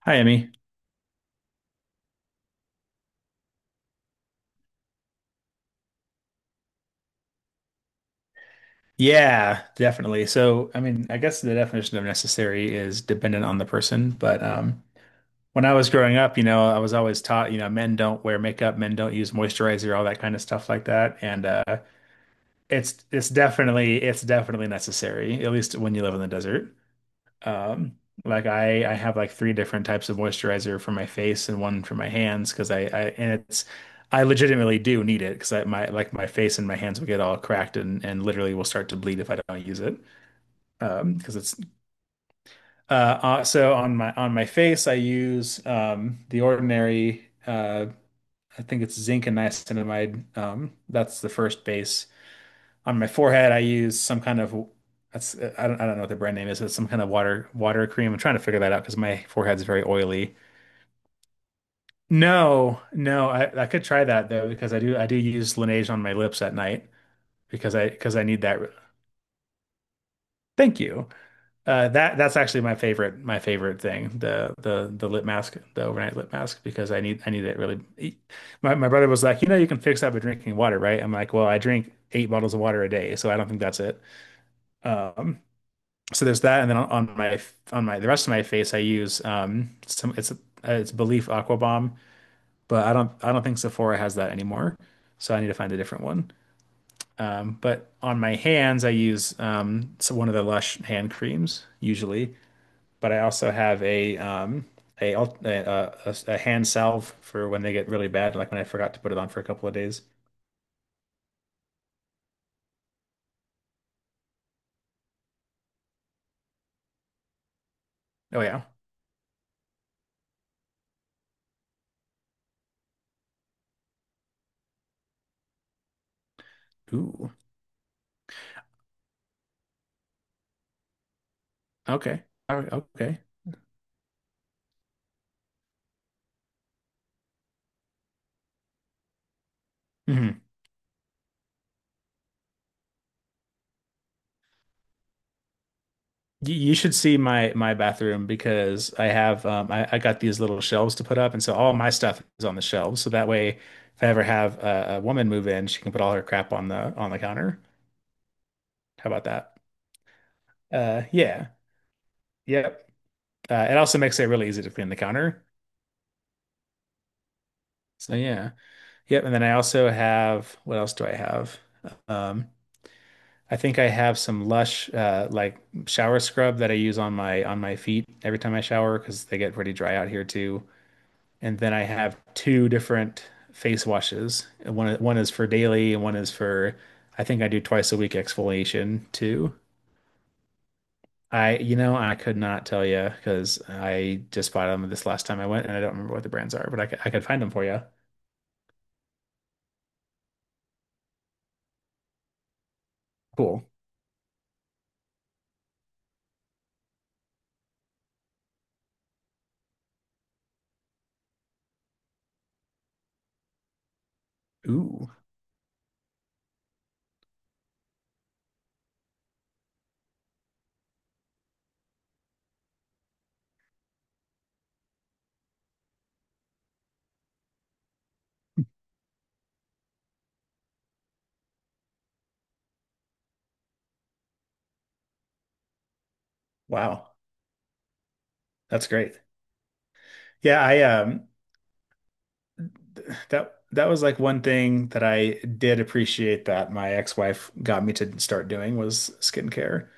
Hi, Emmy. Yeah, definitely. So, I mean, I guess the definition of necessary is dependent on the person. But when I was growing up, you know, I was always taught, you know, men don't wear makeup, men don't use moisturizer, all that kind of stuff like that. And it's definitely it's definitely necessary, at least when you live in the desert. Um, I have like three different types of moisturizer for my face and one for my hands because I legitimately do need it because I my like my face and my hands will get all cracked and literally will start to bleed if I don't use it. Because it's so on my face I use the ordinary, I think it's zinc and niacinamide. That's the first base. On my forehead, I use some kind of — that's, I don't know what the brand name is, but it's some kind of water cream. I'm trying to figure that out because my forehead's very oily. No, no, I could try that though because I do use Laneige on my lips at night because I need that. Thank you. That's actually my favorite thing, the lip mask, the overnight lip mask, because I need it really. E, My brother was like, you know, you can fix that by drinking water, right? I'm like, well, I drink eight bottles of water a day, so I don't think that's it. Um, so there's that, and then on my the rest of my face, I use some it's Belief Aqua Bomb, but I don't think Sephora has that anymore, so I need to find a different one. But on my hands, I use so one of the Lush hand creams usually, but I also have a al- a hand salve for when they get really bad, like when I forgot to put it on for a couple of days. Oh yeah. Ooh. Okay. All right. Okay. Mhm. You should see my bathroom because I have I got these little shelves to put up, and so all my stuff is on the shelves. So that way, if I ever have a woman move in, she can put all her crap on the counter. How about that? Uh, yeah, yep. It also makes it really easy to clean the counter. So yeah, yep. And then I also have — what else do I have? Um, I think I have some Lush like shower scrub that I use on my feet every time I shower because they get pretty dry out here too. And then I have two different face washes. One is for daily and one is for — I think I do twice a week exfoliation too. I, you know, I could not tell you because I just bought them this last time I went and I don't remember what the brands are, but I could find them for you. Cool. Ooh, wow. That's great. Yeah, I that was like one thing that I did appreciate that my ex-wife got me to start doing, was skincare.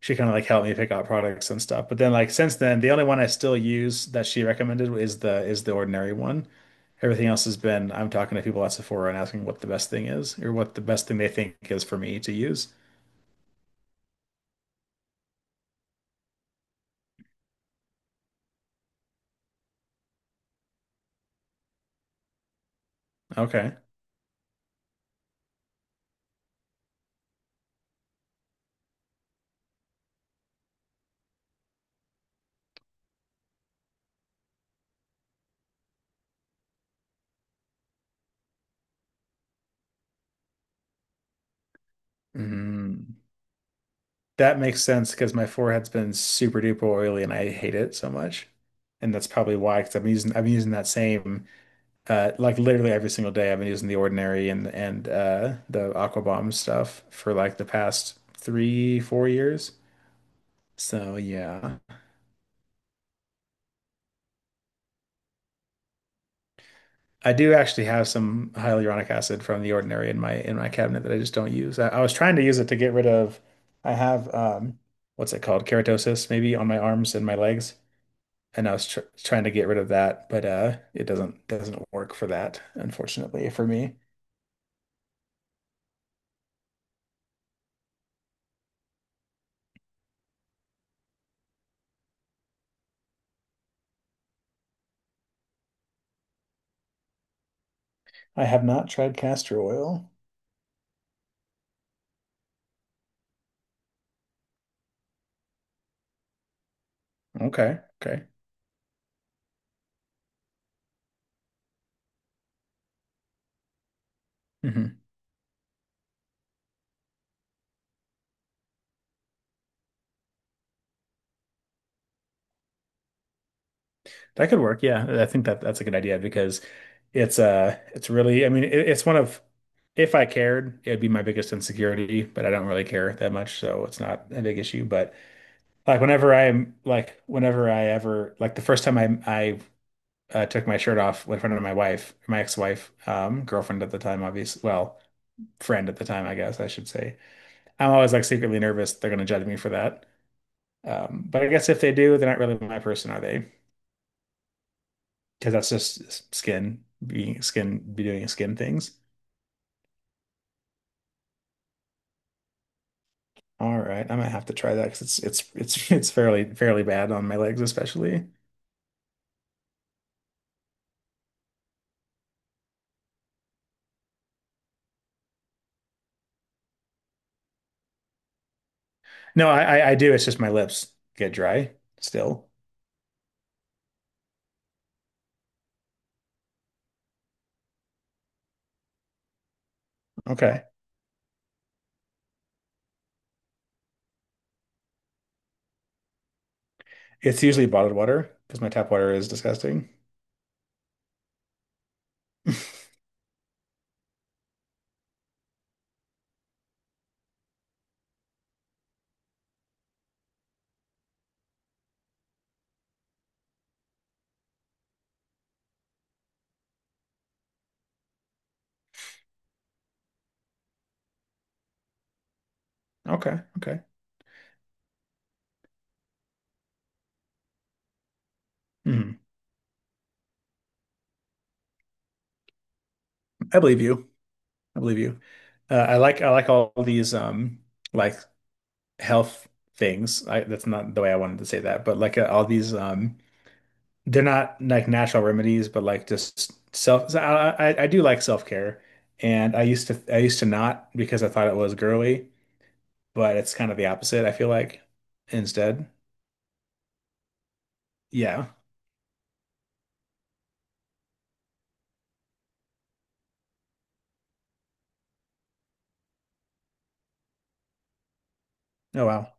She kind of like helped me pick out products and stuff. But then like since then, the only one I still use that she recommended is the ordinary one. Everything else has been — I'm talking to people at Sephora and asking what the best thing is, or what the best thing they think is for me to use. Okay. Mm. That makes sense, because my forehead's been super duper oily and I hate it so much. And that's probably why, because I'm using that same like literally every single day. I've been using the ordinary and the Aqua Bomb stuff for like the past three, 4 years. So yeah, I do actually have some hyaluronic acid from The Ordinary in my cabinet that I just don't use. I was trying to use it to get rid of — I have what's it called? Keratosis, maybe, on my arms and my legs, and I was tr trying to get rid of that, but it doesn't work for that, unfortunately, for me. I have not tried castor oil. Okay, okay. Mhm. That could work. Yeah, I think that that's a good idea because it's really — I mean, it, it's one of — if I cared, it'd be my biggest insecurity, but I don't really care that much, so it's not a big issue. But like whenever I ever like the first time I took my shirt off in front of my wife, my ex-wife, girlfriend at the time, obviously, well, friend at the time, I guess I should say, I'm always like secretly nervous they're gonna judge me for that. But I guess if they do, they're not really my person, are they? Because that's just skin being skin, be doing skin things. All right, I might have to try that because it's it's fairly bad on my legs, especially. No, I do. It's just my lips get dry still. Okay, it's usually bottled water because my tap water is disgusting. Okay, okay. Mhm. I believe you. I believe you. I like all these like health things. I That's not the way I wanted to say that, but like all these they're not like natural remedies, but like just self. So I do like self-care, and I used to not, because I thought it was girly, but it's kind of the opposite. I feel like instead, yeah. Oh wow,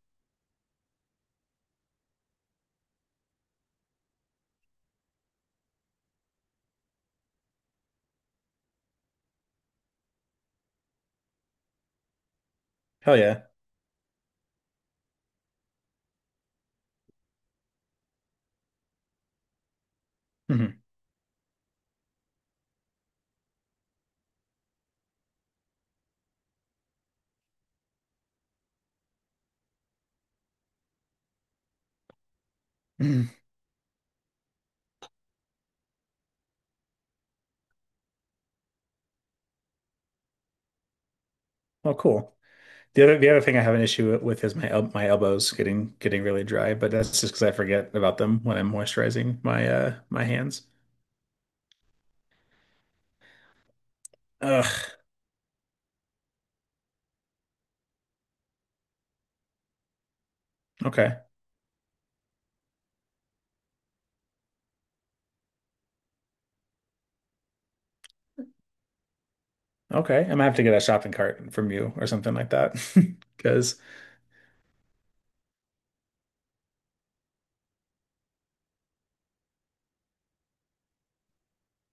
hell yeah. Hmm. Hmm. Well, cool. The other thing I have an issue with is my el my elbows getting really dry, but that's just because I forget about them when I'm moisturizing my my hands. Ugh. Okay. Okay. I'm gonna have to get a shopping cart from you or something like that because.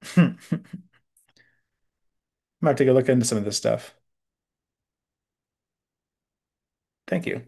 I'm gonna take a look into some of this stuff. Thank you.